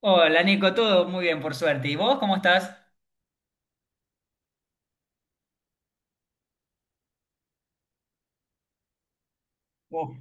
Hola Nico, todo muy bien por suerte. ¿Y vos cómo estás? Oh.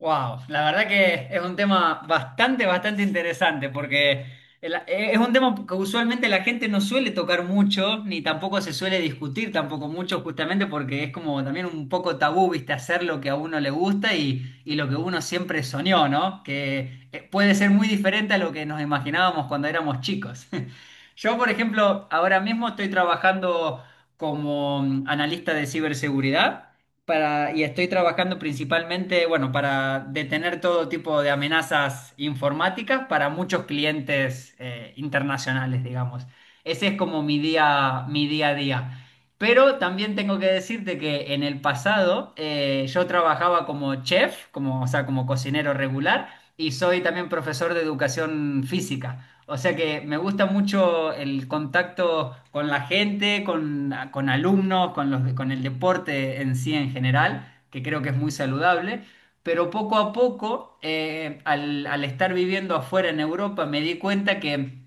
Wow, la verdad que es un tema bastante, bastante interesante porque es un tema que usualmente la gente no suele tocar mucho, ni tampoco se suele discutir tampoco mucho, justamente porque es como también un poco tabú, viste, hacer lo que a uno le gusta y lo que uno siempre soñó, ¿no? Que puede ser muy diferente a lo que nos imaginábamos cuando éramos chicos. Yo, por ejemplo, ahora mismo estoy trabajando como analista de ciberseguridad y estoy trabajando principalmente, bueno, para detener todo tipo de amenazas informáticas para muchos clientes internacionales, digamos. Ese es como mi día a día. Pero también tengo que decirte que en el pasado yo trabajaba como chef, como, o sea, como cocinero regular, y soy también profesor de educación física. O sea que me gusta mucho el contacto con la gente, con alumnos, con los, con el deporte en sí en general, que creo que es muy saludable. Pero poco a poco, al estar viviendo afuera en Europa, me di cuenta que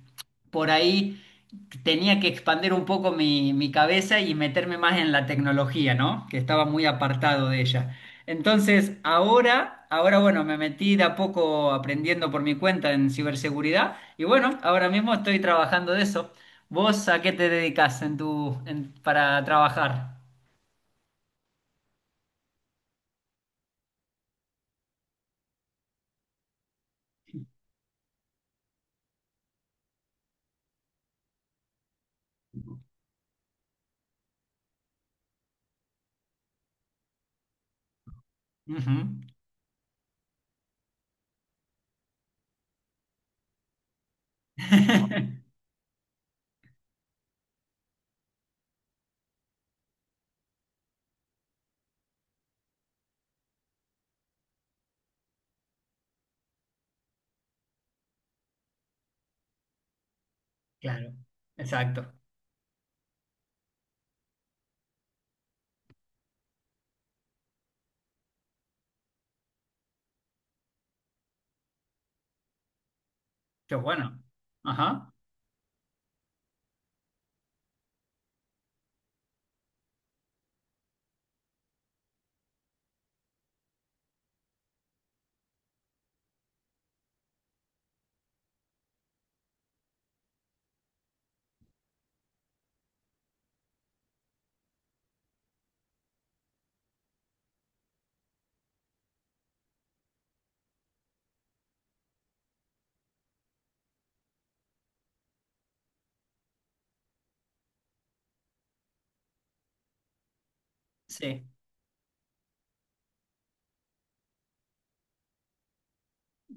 por ahí tenía que expandir un poco mi cabeza y meterme más en la tecnología, ¿no? Que estaba muy apartado de ella. Entonces, ahora bueno, me metí de a poco aprendiendo por mi cuenta en ciberseguridad y bueno, ahora mismo estoy trabajando de eso. ¿Vos a qué te dedicas en para trabajar? Ujú. Claro, exacto. Qué bueno. Ajá, sí.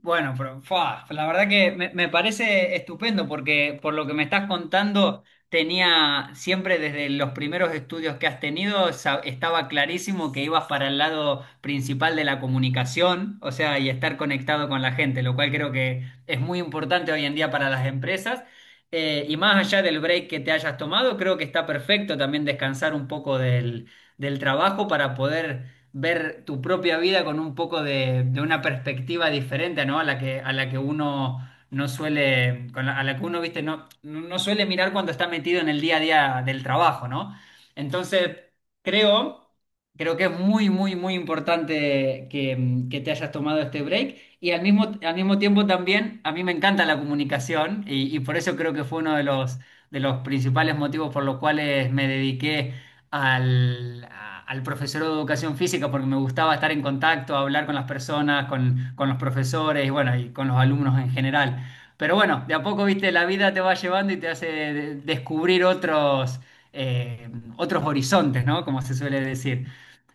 Bueno, pero fa, la verdad que me parece estupendo porque por lo que me estás contando, tenía siempre desde los primeros estudios que has tenido, sa- estaba clarísimo que ibas para el lado principal de la comunicación, o sea, y estar conectado con la gente, lo cual creo que es muy importante hoy en día para las empresas. Y más allá del break que te hayas tomado, creo que está perfecto también descansar un poco del trabajo para poder ver tu propia vida con un poco de una perspectiva diferente, ¿no? A la que uno no suele, con la- a la que uno, viste, no, no suele mirar cuando está metido en el día a día del trabajo, ¿no? Entonces, creo, creo que es muy, muy, muy importante que, que te hayas tomado este break y al mismo tiempo también, a mí me encanta la comunicación y por eso creo que fue uno de los principales motivos por los cuales me dediqué al profesor de educación física porque me gustaba estar en contacto, hablar con las personas, con los profesores y bueno, y con los alumnos en general. Pero bueno, de a poco, viste, la vida te va llevando y te hace de- descubrir otros, eh, otros horizontes, ¿no? Como se suele decir.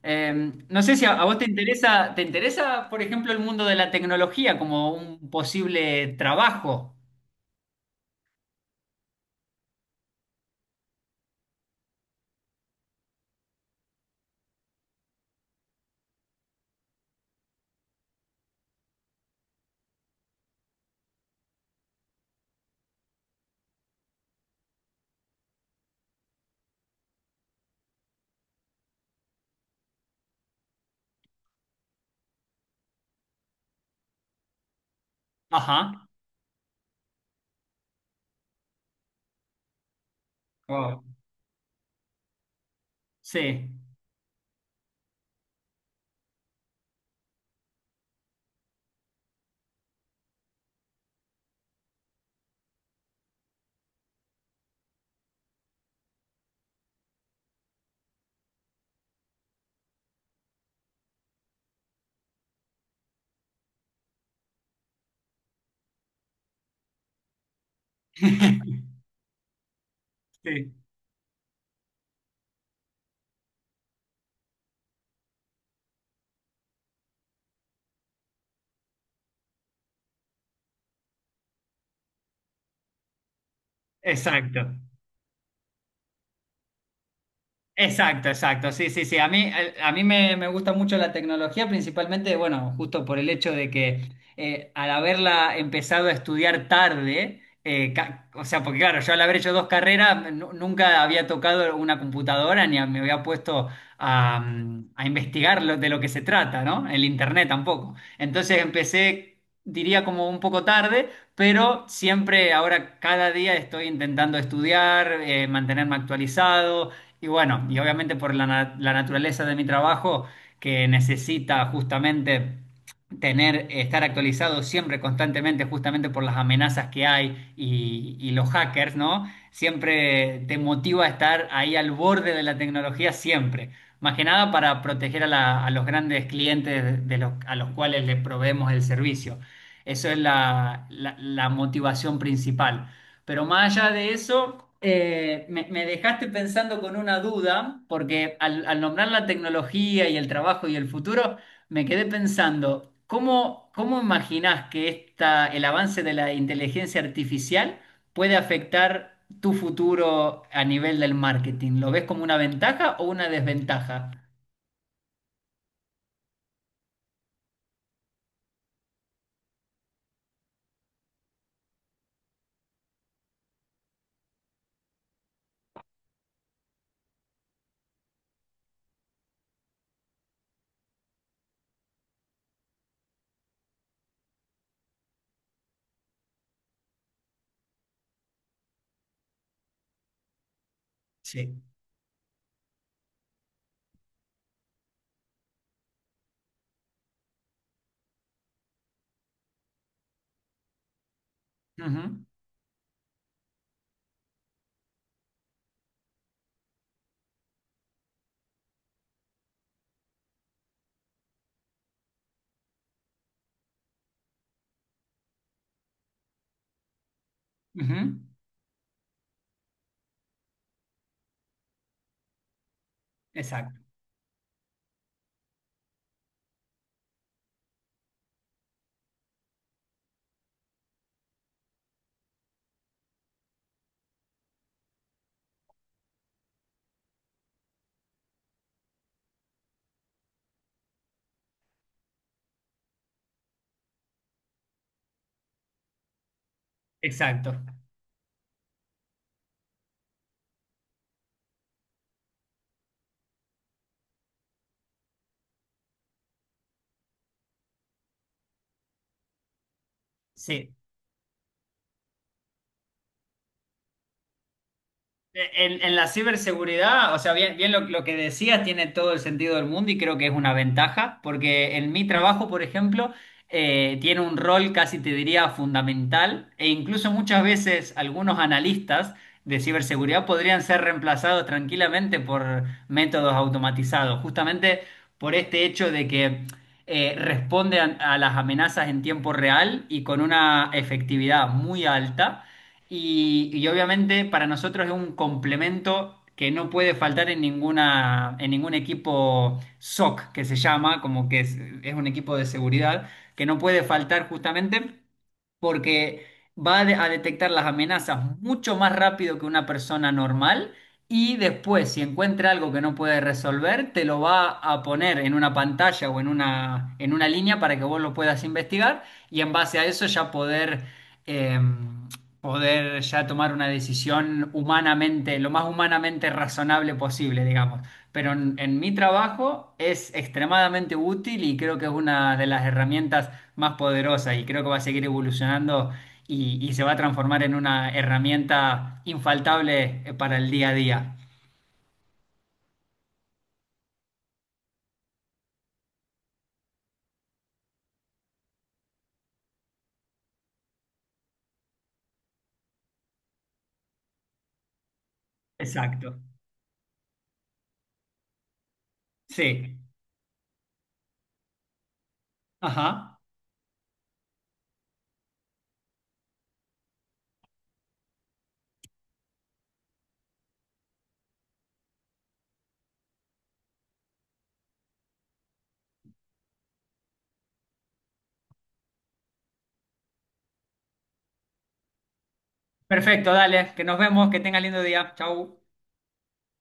No sé si a vos ¿te interesa, por ejemplo, el mundo de la tecnología como un posible trabajo? Ajá. Wow. Sí, sí, exacto. Exacto, exacto. Sí, sí, sí. A mí me gusta mucho la tecnología, principalmente, bueno, justo por el hecho de que al haberla empezado a estudiar tarde, ca- o sea, porque claro, yo al haber hecho dos carreras, nu- nunca había tocado una computadora ni a- me había puesto a, a investigar lo- de lo que se trata, ¿no? El internet tampoco. Entonces empecé, diría como un poco tarde, pero siempre ahora cada día estoy intentando estudiar, mantenerme actualizado y bueno, y obviamente por la, na- la naturaleza de mi trabajo, que necesita justamente tener, estar actualizado siempre, constantemente, justamente por las amenazas que hay y los hackers, ¿no? Siempre te motiva a estar ahí al borde de la tecnología, siempre. Más que nada para proteger a, la- a los grandes clientes de los, a los cuales le proveemos el servicio. Eso es la la- la motivación principal. Pero más allá de eso, me dejaste pensando con una duda, porque al nombrar la tecnología y el trabajo y el futuro, me quedé pensando, ¿cómo, cómo imaginás que esta, el avance de la inteligencia artificial puede afectar tu futuro a nivel del marketing? ¿Lo ves como una ventaja o una desventaja? Sí. Ujú, ujú. Exacto, exacto. Sí. En la ciberseguridad, o sea, bien, bien lo que decías tiene todo el sentido del mundo y creo que es una ventaja, porque en mi trabajo, por ejemplo, tiene un rol casi te diría fundamental e incluso muchas veces algunos analistas de ciberseguridad podrían ser reemplazados tranquilamente por métodos automatizados, justamente por este hecho de que responde a las amenazas en tiempo real y con una efectividad muy alta. Y obviamente para nosotros es un complemento que no puede faltar en ninguna, en ningún equipo SOC, que se llama, como que es un equipo de seguridad, que no puede faltar justamente porque a detectar las amenazas mucho más rápido que una persona normal y después, si encuentra algo que no puede resolver, te lo va a poner en una pantalla o en una línea para que vos lo puedas investigar y en base a eso ya poder eh, poder ya tomar una decisión humanamente, lo más humanamente razonable posible, digamos. Pero en mi trabajo es extremadamente útil y creo que es una de las herramientas más poderosas y creo que va a seguir evolucionando y se va a transformar en una herramienta infaltable para el día a día. Exacto. Sí. Ajá. Perfecto, dale, que nos vemos, que tenga lindo día. Chau.